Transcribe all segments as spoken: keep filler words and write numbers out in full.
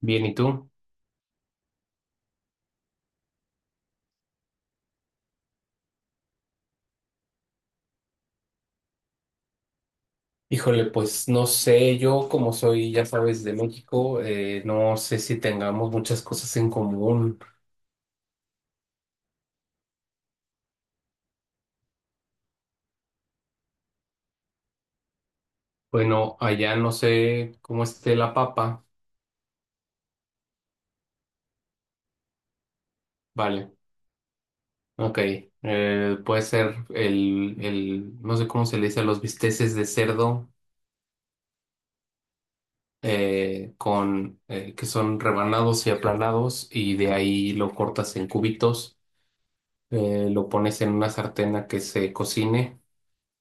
Bien, ¿y tú? Híjole, pues no sé, yo como soy, ya sabes, de México, eh, no sé si tengamos muchas cosas en común. Bueno, allá no sé cómo esté la papa. Vale, ok. Eh, puede ser el, el, no sé cómo se le dice a los bisteces de cerdo, eh, con, eh, que son rebanados y aplanados, y de ahí lo cortas en cubitos, eh, lo pones en una sartén a que se cocine.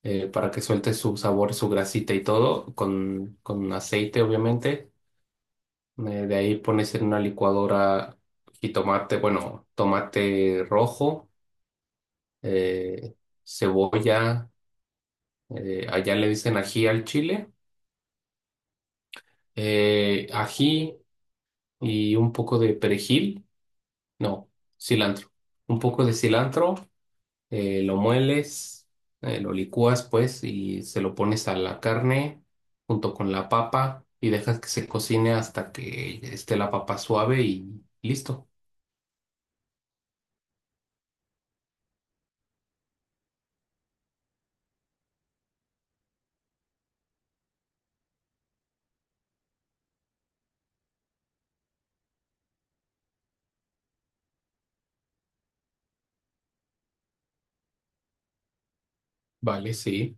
eh, Para que suelte su sabor, su grasita y todo, con, con aceite, obviamente. Eh, de ahí pones en una licuadora jitomate, bueno, tomate rojo, eh, cebolla, eh, allá le dicen ají al chile, eh, ají y un poco de perejil, no, cilantro, un poco de cilantro eh, lo mueles, eh, lo licúas pues y se lo pones a la carne junto con la papa y dejas que se cocine hasta que esté la papa suave y listo. Vale, sí,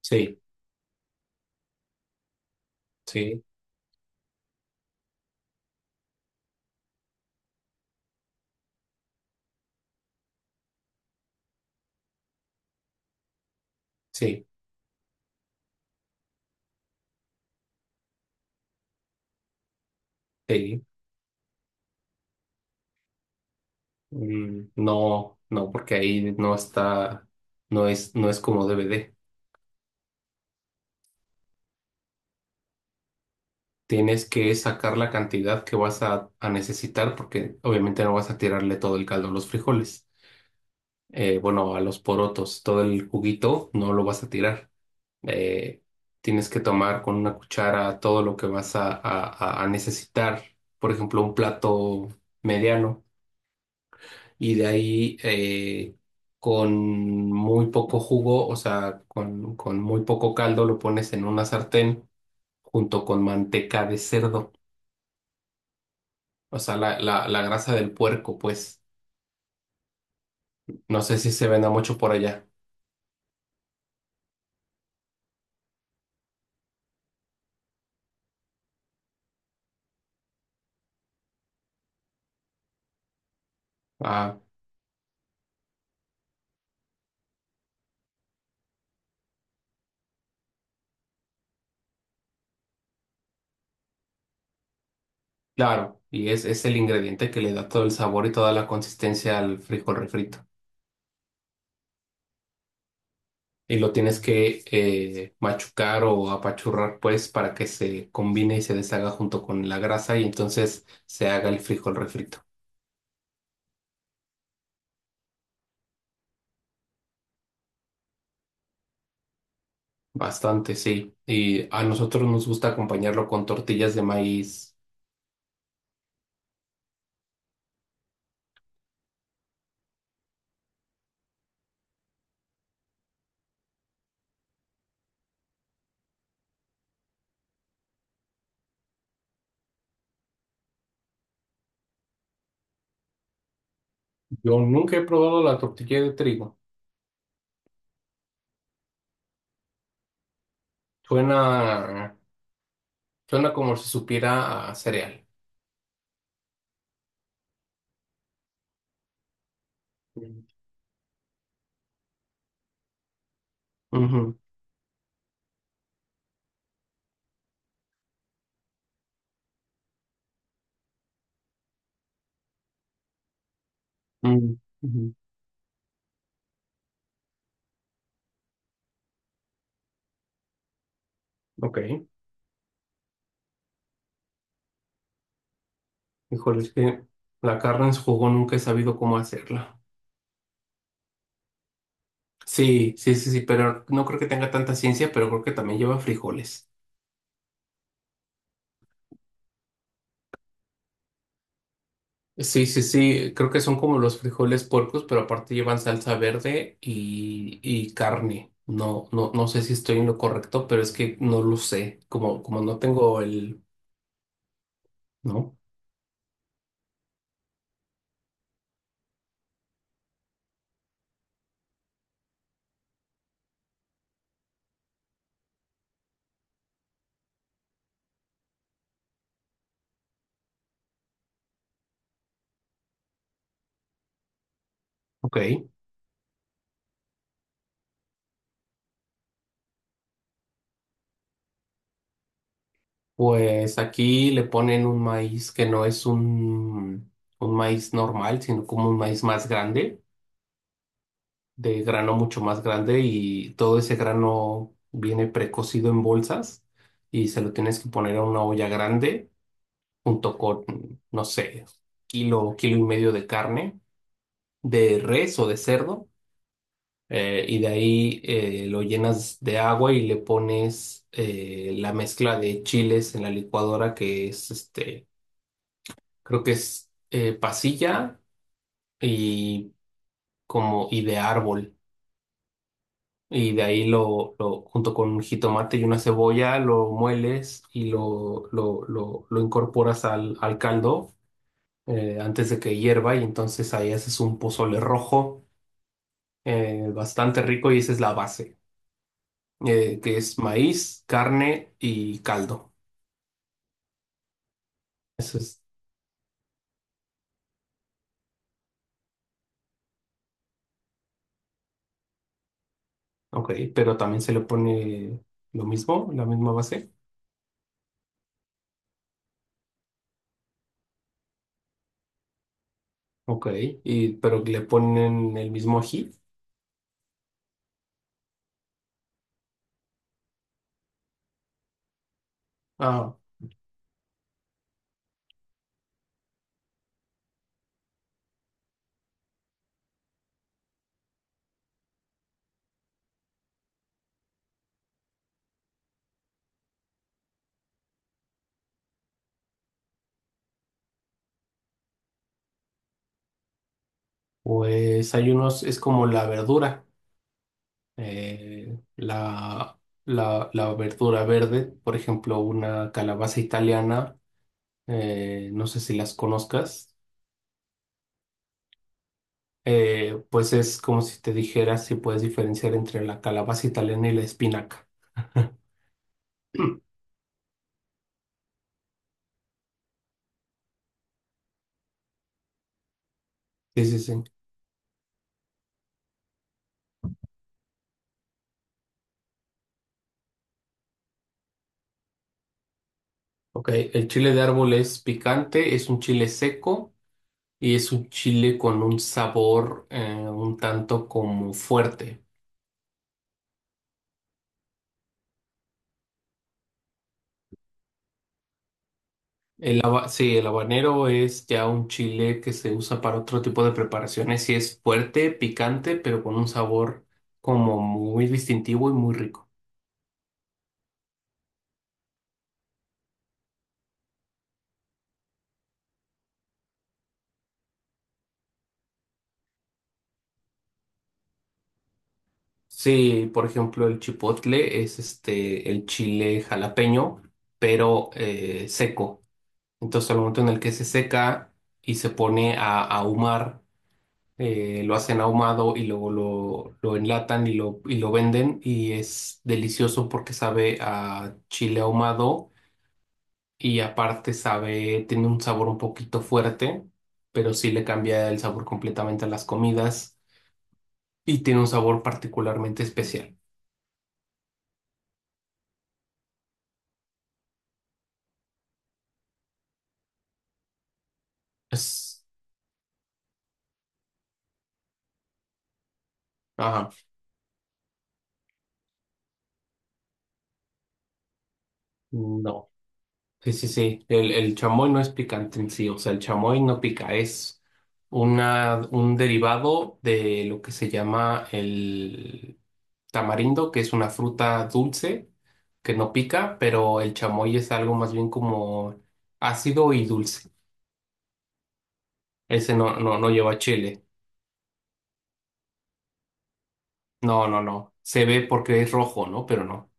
sí, sí, sí, sí. Mm, no, no, porque ahí no está, no es, no es como D V D. Tienes que sacar la cantidad que vas a, a necesitar porque obviamente no vas a tirarle todo el caldo a los frijoles. Eh, bueno, a los porotos, todo el juguito no lo vas a tirar. eh, Tienes que tomar con una cuchara todo lo que vas a, a- a- a necesitar, por ejemplo, un plato mediano, y de ahí eh, con muy poco jugo, o sea, con, con muy poco caldo, lo pones en una sartén junto con manteca de cerdo, o sea, la, la, la grasa del puerco, pues, no sé si se venda mucho por allá. Ah, claro, y es, es el ingrediente que le da todo el sabor y toda la consistencia al frijol refrito. Y lo tienes que eh, machucar o apachurrar, pues, para que se combine y se deshaga junto con la grasa y entonces se haga el frijol refrito. Bastante, sí. Y a nosotros nos gusta acompañarlo con tortillas de maíz. Yo nunca he probado la tortilla de trigo. Suena, suena como si supiera a cereal. Mm. Ujú, mm, ujú. Ok. Híjole, es que la carne en su jugo nunca he sabido cómo hacerla. Sí, sí, sí, sí, pero no creo que tenga tanta ciencia, pero creo que también lleva frijoles. Sí, sí, sí, creo que son como los frijoles puercos, pero aparte llevan salsa verde y, y carne. No, no, no sé si estoy en lo correcto, pero es que no lo sé. Como, como no tengo el, ¿no? Ok. Pues aquí le ponen un maíz que no es un, un maíz normal, sino como un maíz más grande. De grano mucho más grande y todo ese grano viene precocido en bolsas y se lo tienes que poner a una olla grande junto con, no sé, kilo, kilo y medio de carne, de res o de cerdo. Eh, y de ahí eh, lo llenas de agua y le pones eh, la mezcla de chiles en la licuadora que es este, creo que es eh, pasilla y como y de árbol. Y de ahí lo, lo junto con un jitomate y una cebolla, lo mueles y lo, lo, lo, lo incorporas al, al caldo eh, antes de que hierva. Y entonces ahí haces un pozole rojo eh, bastante rico y esa es la base, eh, que es maíz, carne y caldo. Eso es, ok, pero también se le pone lo mismo, la misma base. Ok, y, pero le ponen el mismo ají. Ah, pues hay unos, es como la verdura. Eh, la, la, la verdura verde, por ejemplo, una calabaza italiana, eh, no sé si las conozcas, eh, pues es como si te dijera si puedes diferenciar entre la calabaza italiana y la espinaca. Sí, sí, sí. Ok, el chile de árbol es picante, es un chile seco y es un chile con un sabor eh, un tanto como fuerte. El haba- sí, el habanero es ya un chile que se usa para otro tipo de preparaciones y es fuerte, picante, pero con un sabor como muy distintivo y muy rico. Sí, por ejemplo, el chipotle es este el chile jalapeño, pero eh, seco. Entonces, al momento en el que se seca y se pone a, a ahumar, eh, lo hacen ahumado y luego lo, lo enlatan y lo, y lo venden y es delicioso porque sabe a chile ahumado y aparte sabe, tiene un sabor un poquito fuerte, pero sí le cambia el sabor completamente a las comidas y tiene un sabor particularmente especial. Es, ajá, no, sí, sí, sí, el, el chamoy no es picante en sí, o sea, el chamoy no pica, es una, un derivado de lo que se llama el tamarindo, que es una fruta dulce que no pica, pero el chamoy es algo más bien como ácido y dulce. Ese no, no, no lleva chile. No, no, no. Se ve porque es rojo, ¿no? Pero no.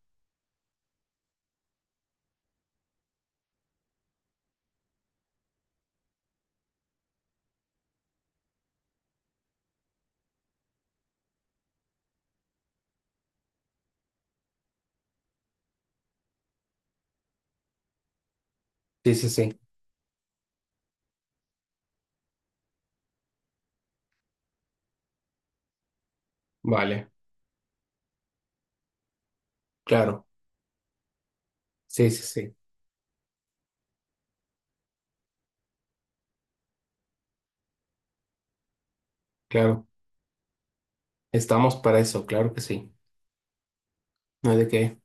Sí, sí, sí. Vale, claro. Sí, sí, sí. Claro. Estamos para eso, claro que sí. No hay de qué.